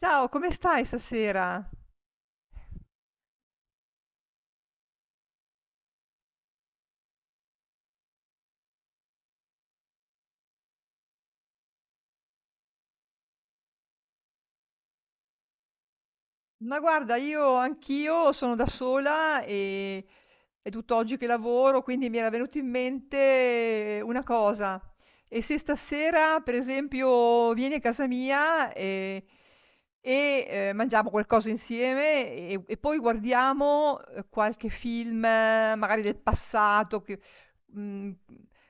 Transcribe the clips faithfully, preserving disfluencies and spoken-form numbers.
Ciao, come stai stasera? Ma guarda, io anch'io sono da sola e è tutt'oggi che lavoro, quindi mi era venuto in mente una cosa. E se stasera, per esempio, vieni a casa mia e, e, eh, mangiamo qualcosa insieme e, e poi guardiamo eh, qualche film, eh, magari del passato, che- mm,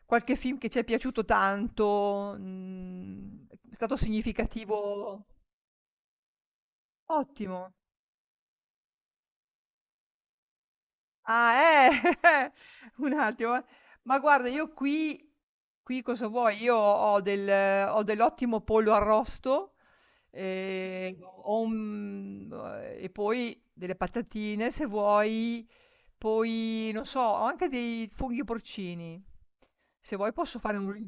qualche film che ci è piaciuto tanto, mm, è stato significativo. Ottimo. Ah, eh! Un attimo, eh. Ma guarda, io qui qui cosa vuoi? Io ho del ho dell'ottimo pollo arrosto, ehm, ho un eh, e poi delle patatine se vuoi. Poi non so, ho anche dei funghi porcini. Se vuoi posso fare un ri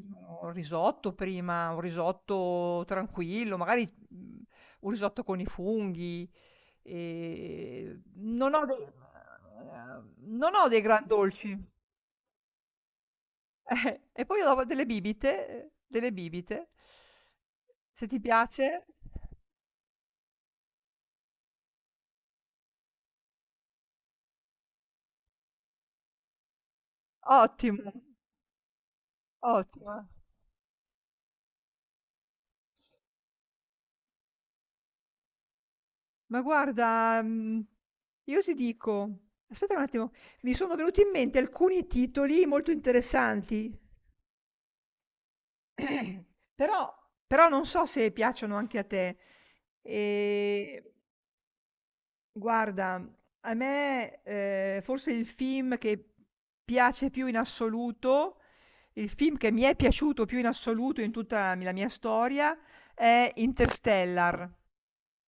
un risotto prima, un risotto tranquillo, magari, mhmm, un risotto con i funghi. Ehm, non ho dei ehm, non ho dei gran dolci. Eh, e poi ho delle bibite eh, delle bibite. Se ti piace? Ottimo, ottimo. Ma guarda, mhmm, io ti dico, aspetta un attimo, mi sono venuti in mente alcuni titoli molto interessanti, però però non so se piacciono anche a te. Ehm Guarda, a me, ehm, forse il film che piace più in assoluto il film che mi è piaciuto più in assoluto in tutta la mi la mia storia è Interstellar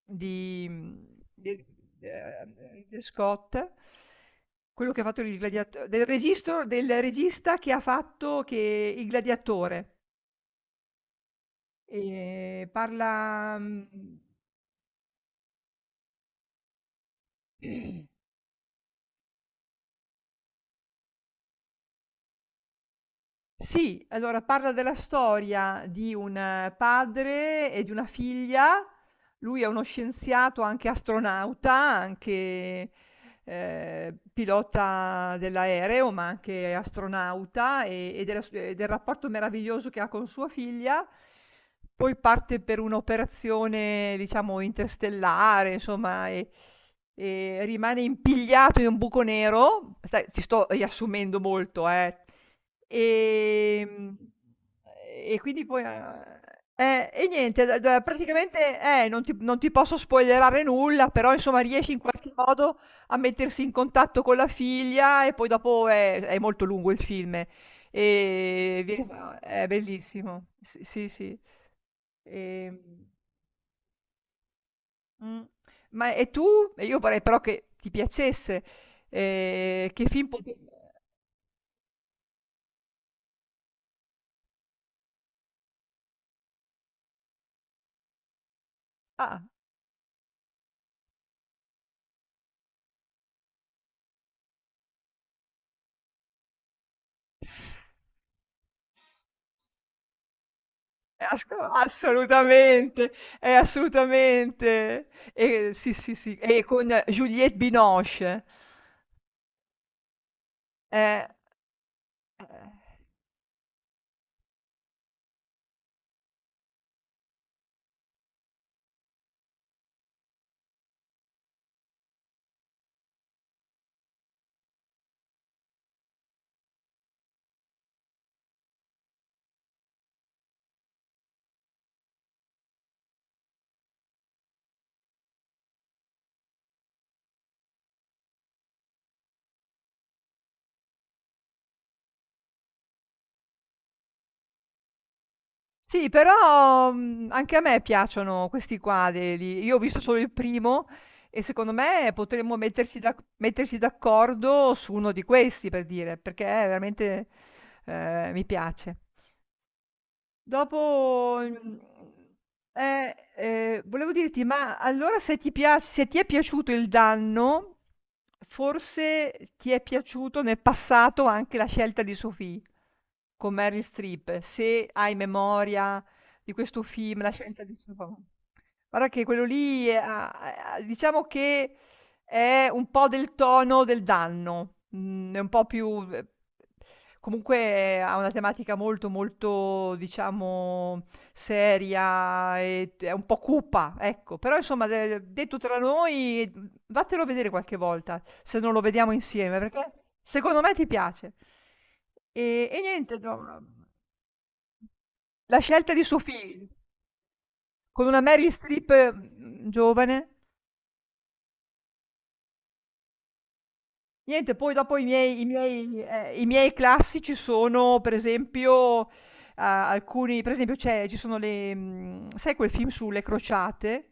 di mhmm, del ehm, di Scott, quello che ha fatto il gladiato del registro del regista che ha fatto che Il gladiatore. Ehm, parla, mhmm Sì, allora parla della storia di un eh, padre e di una figlia. Lui è uno scienziato, anche astronauta, anche, ehm, pilota dell'aereo, ma anche astronauta e e della s e del rapporto meraviglioso che ha con sua figlia. Poi parte per un'operazione, diciamo, interstellare, insomma, e e rimane impigliato in un buco nero. Stai Ti sto riassumendo molto, eh. Ehm e quindi poi a eh, E niente, d d praticamente, eh, non ti non ti posso spoilerare nulla, però insomma riesce in qualche modo a mettersi in contatto con la figlia e poi dopo è è molto lungo il film, ehm, viene fa è bellissimo. S Sì, sì. Ehm, mh, ma e tu? E io vorrei però che ti piacesse, ehm, che film pote ah. Eh, asco Assolutamente, eh, assolutamente. E sì, sì, sì, e con Juliette Binoche. Eh, eh. Sì, però, mhmm, anche a me piacciono questi quadri lì. Io ho visto solo il primo e secondo me potremmo metterci d'ac metterci d'accordo su uno di questi, per dire, perché veramente, ehm, mi piace. Dopo, mhmm, eh, ehm, Volevo dirti, ma allora se ti pia se ti è piaciuto Il danno, forse ti è piaciuto nel passato anche La scelta di Sophie, con Meryl Streep. Se hai memoria di questo film, La scelta di Sophie. Guarda che quello lì, ehm, ha ha diciamo che è un po' del tono del danno, mhmm, è un po' più v comunque eh, ha una tematica molto, molto, diciamo, seria e t è un po' cupa, ecco. Però insomma, de detto tra noi, mhmm, vattelo a vedere qualche volta, se non lo vediamo insieme, perché secondo me ti piace. E e niente, no. La scelta di suo figlio, con una Meryl Streep, mhmm, giovane. Niente, poi dopo i miei i miei ehm, i miei classici sono per esempio, uhm, alcuni, per esempio c'è ci sono le mhmm, sai quel film sulle crociate?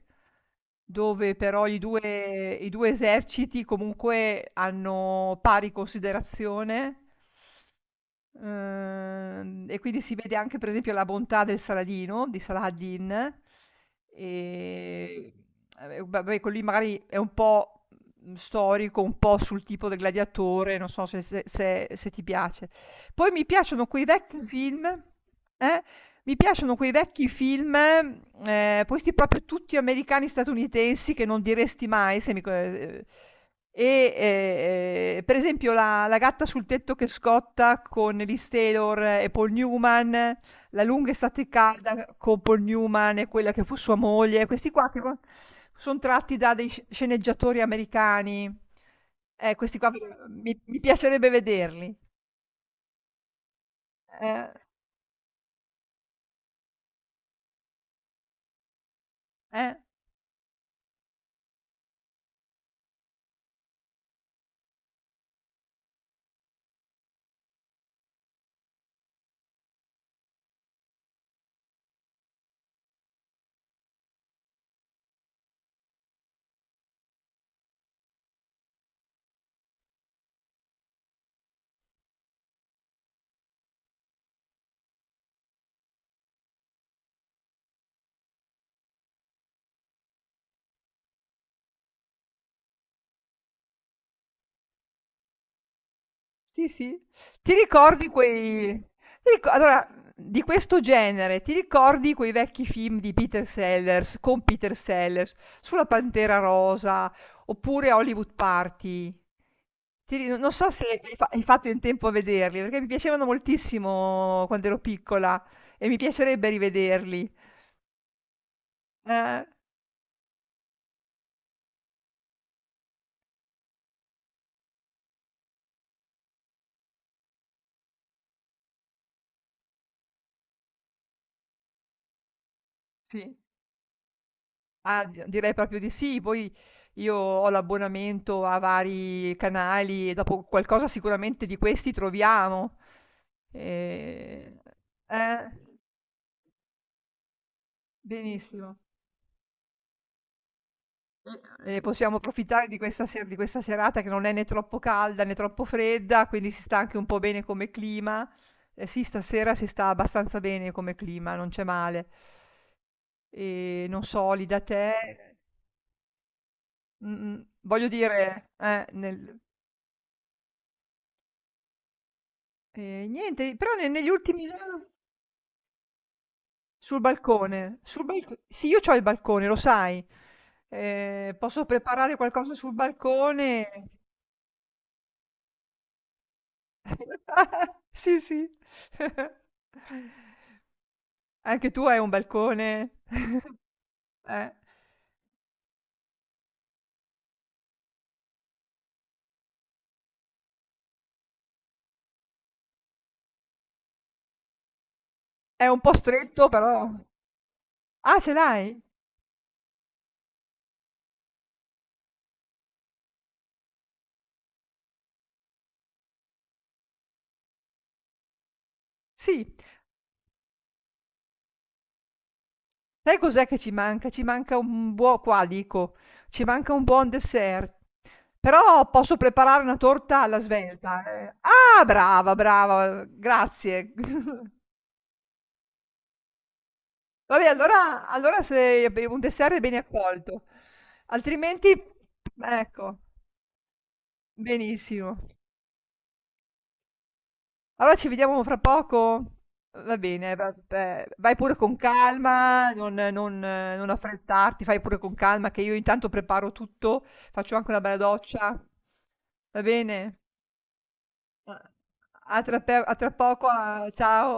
Dove però i due i due eserciti comunque hanno pari considerazione, uhm, e quindi si vede anche per esempio la bontà del Saladino, di Saladin, ehm, vabbè, quello lì magari è un po', mhmm, storico, un po' sul tipo del gladiatore, non so se se se se ti piace. Poi mi piacciono quei vecchi film eh, Mi piacciono quei vecchi film, ehm, questi proprio tutti americani, statunitensi, che non diresti mai, se mi co ehm, e, ehm, per esempio, la La gatta sul tetto che scotta con Liz Taylor e Paul Newman, La lunga estate calda con Paul Newman e quella che fu sua moglie, questi qua che sono tratti da dei sci- sceneggiatori americani. Eh, questi qua mi, mi piacerebbe vederli. Eh, eh. Sì, sì. Ti ricordi quei ti rico Allora, di questo genere, ti ricordi quei vecchi film di Peter Sellers con Peter Sellers, sulla Pantera Rosa, oppure Hollywood Party? Ti ri Non so se hai fa hai fatto in tempo a vederli, perché mi piacevano moltissimo quando ero piccola e mi piacerebbe rivederli. Eh, sì. Ah, d direi proprio di sì. Poi io ho l'abbonamento a vari canali e dopo qualcosa sicuramente di questi troviamo. Ehm, eh, Benissimo. E e possiamo approfittare di questa ser di questa serata, che non è né troppo calda né troppo fredda, quindi si sta anche un po' bene come clima. Eh sì, stasera si sta abbastanza bene come clima, non c'è male. Ehm, non so lì da te. Mh-mh, voglio dire, eh, nel E niente, però ne- negli ultimi giorni, sul balcone, sul balco- sì, io ho il balcone, lo sai. Eh, posso preparare qualcosa sul balcone. Sì, sì. Anche tu hai un balcone. Eh, È un po' stretto, però. Ah, ce l'hai? Sì. Sai cos'è che ci manca? Ci manca un buo qua dico, Ci manca un buon dessert. Però posso preparare una torta alla svelta, eh. Ah, brava, brava, grazie. Vabbè, allora, allora se un dessert è ben accolto, altrimenti, ecco, benissimo. Allora ci vediamo fra poco? Va bene, va beh, vai pure con calma, non non eh, non affrettarti, fai pure con calma che io intanto preparo tutto, faccio anche una bella doccia. Va bene? A a tra pe a tra poco, a ciao.